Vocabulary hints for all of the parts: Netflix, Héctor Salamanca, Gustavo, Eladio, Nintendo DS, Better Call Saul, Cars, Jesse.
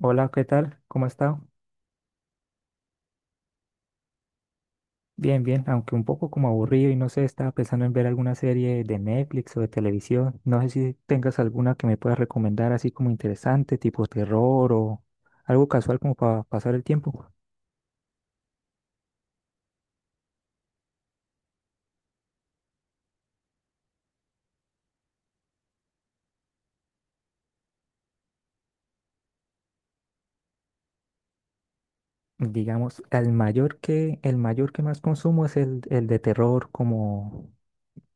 Hola, ¿qué tal? ¿Cómo ha estado? Bien, bien, aunque un poco como aburrido y no sé, estaba pensando en ver alguna serie de Netflix o de televisión. No sé si tengas alguna que me puedas recomendar así como interesante, tipo terror o algo casual como para pasar el tiempo. Digamos, el mayor que más consumo es el de terror, como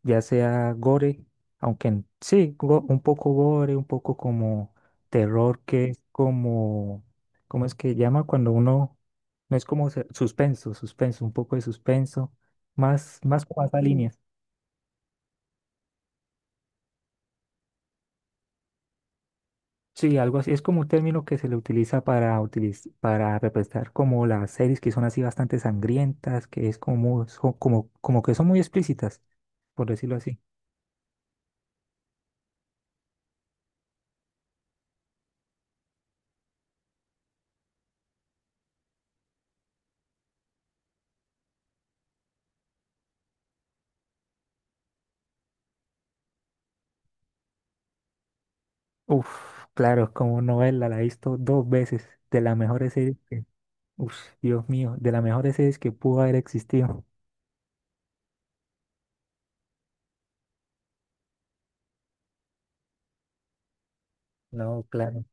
ya sea gore, aunque sí, un poco gore, un poco como terror, ¿cómo es que llama? No es como suspenso, suspenso, un poco de suspenso, más como esa línea. Sí, algo así, es como un término que se le utiliza para representar como las series que son así bastante sangrientas, que es como, como que son muy explícitas, por decirlo así. Uf, claro, como novela, la he visto dos veces, de las mejores series. Uf, Dios mío, de las mejores series que pudo haber existido. No, claro.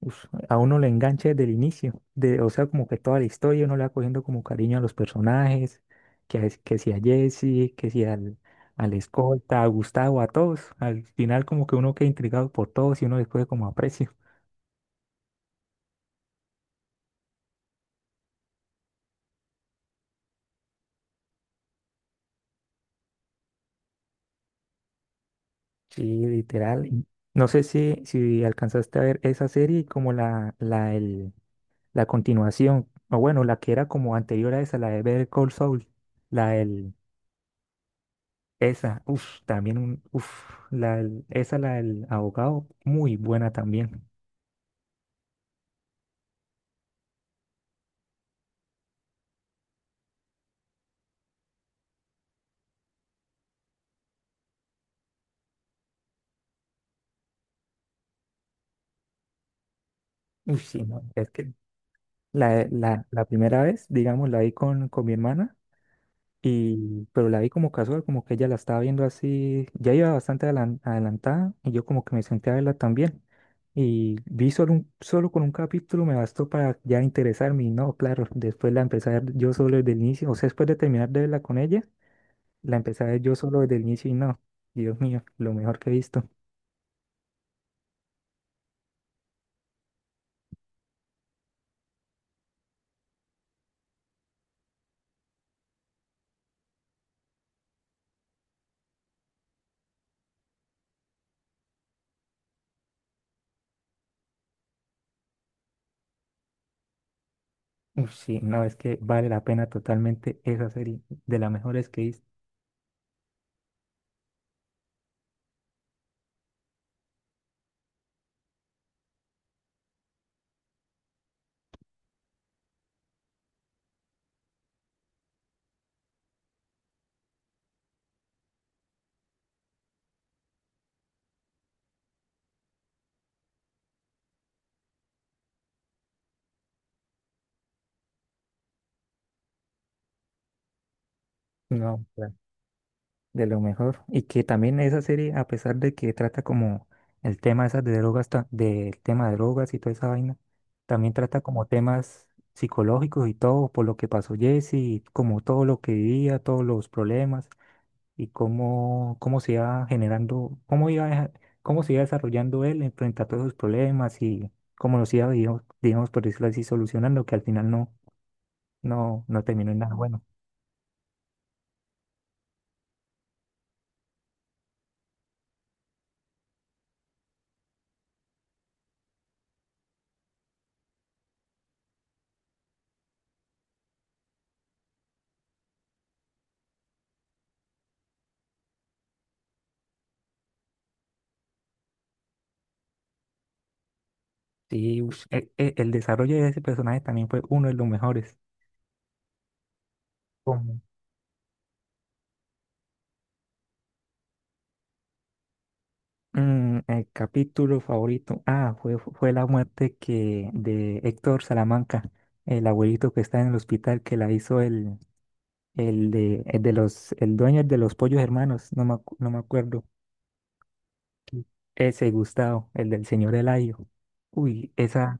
Uf, a uno le engancha desde el inicio, o sea, como que toda la historia uno le va cogiendo como cariño a los personajes, que si a Jesse, que si al escolta, a Gustavo, a todos. Al final como que uno queda intrigado por todos y uno les coge como aprecio. Sí, literal. Mm. No sé si alcanzaste a ver esa serie como la continuación, o bueno, la que era como anterior a esa, la de Better Call Saul, la del, esa, uff, también un, uff, la, del- esa, la del abogado, muy buena también. Uff, sí, no, es que la primera vez, digamos, la vi con mi hermana, pero la vi como casual, como que ella la estaba viendo así, ya iba bastante adelantada, y yo como que me senté a verla también. Y vi solo con un capítulo me bastó para ya interesarme, y no, claro, después la empecé a ver yo solo desde el inicio, o sea, después de terminar de verla con ella, la empecé a ver yo solo desde el inicio, y no, Dios mío, lo mejor que he visto. Uf, sí, no, es que vale la pena totalmente esa serie, de las mejores que he visto, no, claro, de lo mejor. Y que también esa serie, a pesar de que trata como el tema esas de drogas, ta- del tema de drogas y toda esa vaina, también trata como temas psicológicos y todo, por lo que pasó Jesse, y como todo lo que vivía, todos los problemas y cómo se iba generando, cómo se iba desarrollando él en frente a todos esos problemas y cómo los iba, digamos, por decirlo así, solucionando, que al final no no, no terminó en nada bueno. Sí, ush, desarrollo de ese personaje también fue uno de los mejores. Como, el capítulo favorito, ah, fue la muerte que de Héctor Salamanca, el abuelito que está en el hospital que la hizo el dueño de Los Pollos Hermanos, no me acuerdo. Sí. Ese Gustavo, el del señor Eladio. Uy, esa,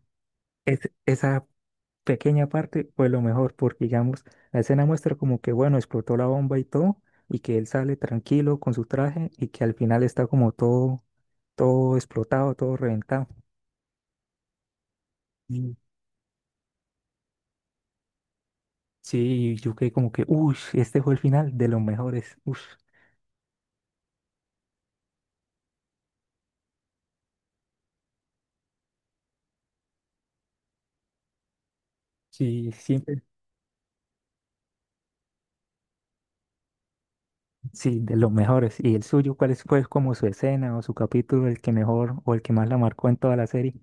es- esa pequeña parte fue lo mejor, porque digamos, la escena muestra como que, bueno, explotó la bomba y todo, y que él sale tranquilo con su traje y que al final está como todo, todo explotado, todo reventado. Y sí, yo quedé como que, uy, este fue el final de los mejores, uy, sí, siempre, sí, de los mejores. ¿Y el suyo, fue como su escena o su capítulo, el que mejor o el que más la marcó en toda la serie?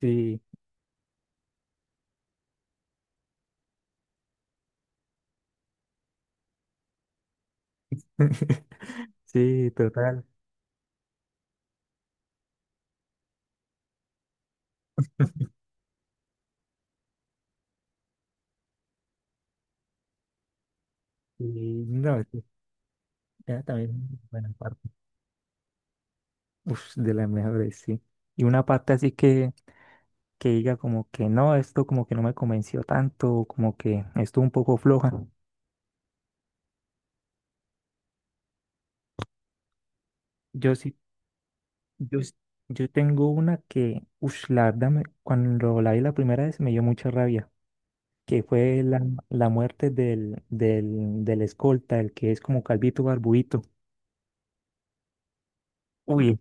Sí, sí, total. Y no, es que era también, bueno, uf, de las mejores, sí. Y una parte así que diga como que no, esto como que no me convenció tanto, o como que esto un poco floja. Yo sí, yo, s- yo tengo una que, uf, la verdad, cuando la vi la primera vez me dio mucha rabia, que fue la muerte del escolta, el que es como calvito barbudito. Uy,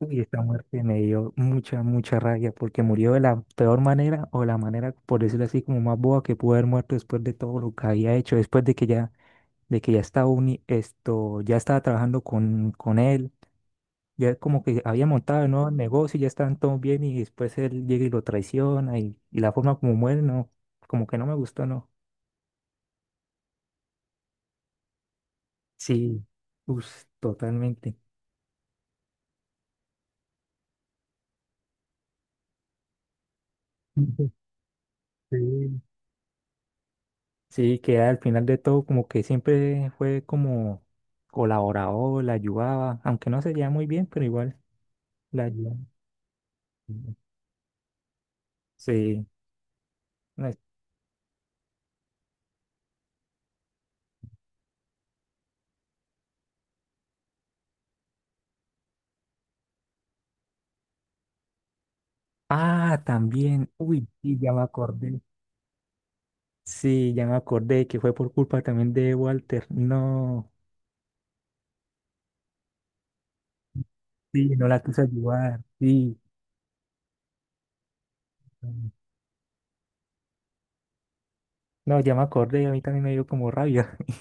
y esta muerte me dio mucha, mucha rabia porque murió de la peor manera o la manera, por decirlo así, como más boba que pudo haber muerto después de todo lo que había hecho, después de que ya estaba ya estaba trabajando con él, ya como que había montado el nuevo negocio, y ya estaban todos bien y después él llega y lo traiciona y la forma como muere, no, como que no me gustó, no. Sí, uff, totalmente. Sí. Sí, que al final de todo como que siempre fue como colaborador, la ayudaba, aunque no se llevaba muy bien, pero igual la ayudaba. Sí. no es- Ah, también. Uy, sí, ya me acordé. Sí, ya me acordé que fue por culpa también de Walter. No, sí, no la quiso ayudar. Sí. No, ya me acordé, a mí también me dio como rabia.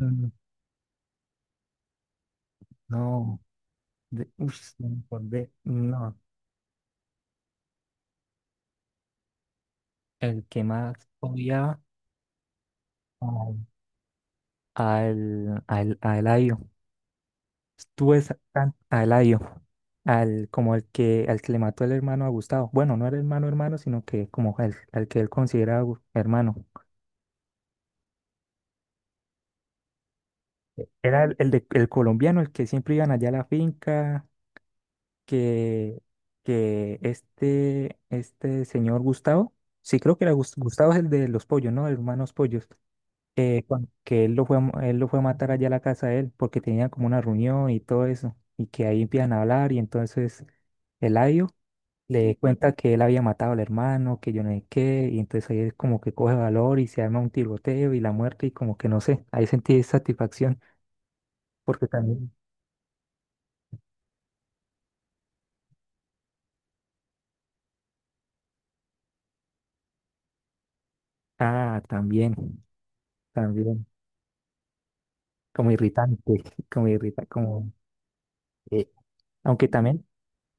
Mm. No, ush, ya me acordé. No, el que más odiaba al, a Eladio. A Eladio, como el que, al que le mató el hermano a Gustavo. Bueno, no era hermano hermano, sino que como al que él consideraba hermano. Era el colombiano, el que siempre iban allá a la finca, que, que este señor Gustavo, sí creo que era Gustavo, es el de los pollos, ¿no? Hermanos Pollos. Cuan- que él lo fue a, mo- Él lo fue a matar allá a la casa de él, porque tenía como una reunión y todo eso, y que ahí empiezan a hablar, y entonces... Eladio le cuenta que él había matado al hermano, que yo no sé qué, y entonces ahí es como que coge valor y se arma un tiroteo y la muerte y como que no sé, ahí sentí satisfacción porque también, ah, también, también, como irritante, como irrita, como, eh, aunque también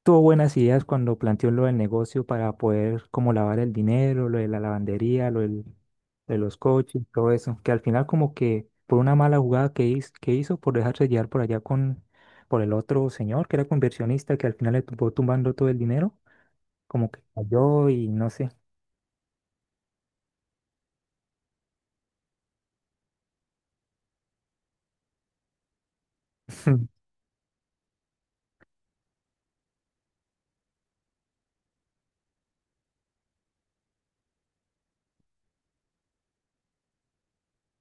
tuvo buenas ideas cuando planteó lo del negocio para poder como lavar el dinero, lo de la lavandería, de los coches, todo eso, que al final como que por una mala jugada que hizo por dejarse llevar por allá con por el otro señor que era conversionista que al final le tuvo tumbando todo el dinero, como que cayó y no sé.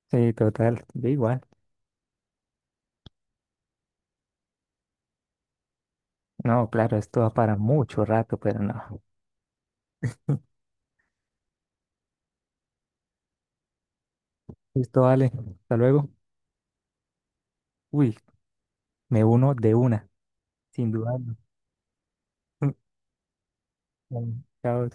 Sí, total, da igual. No, claro, esto va para mucho rato, pero no. Listo, vale. Hasta luego. Uy, me uno de una, sin dudarlo. Bueno, chao.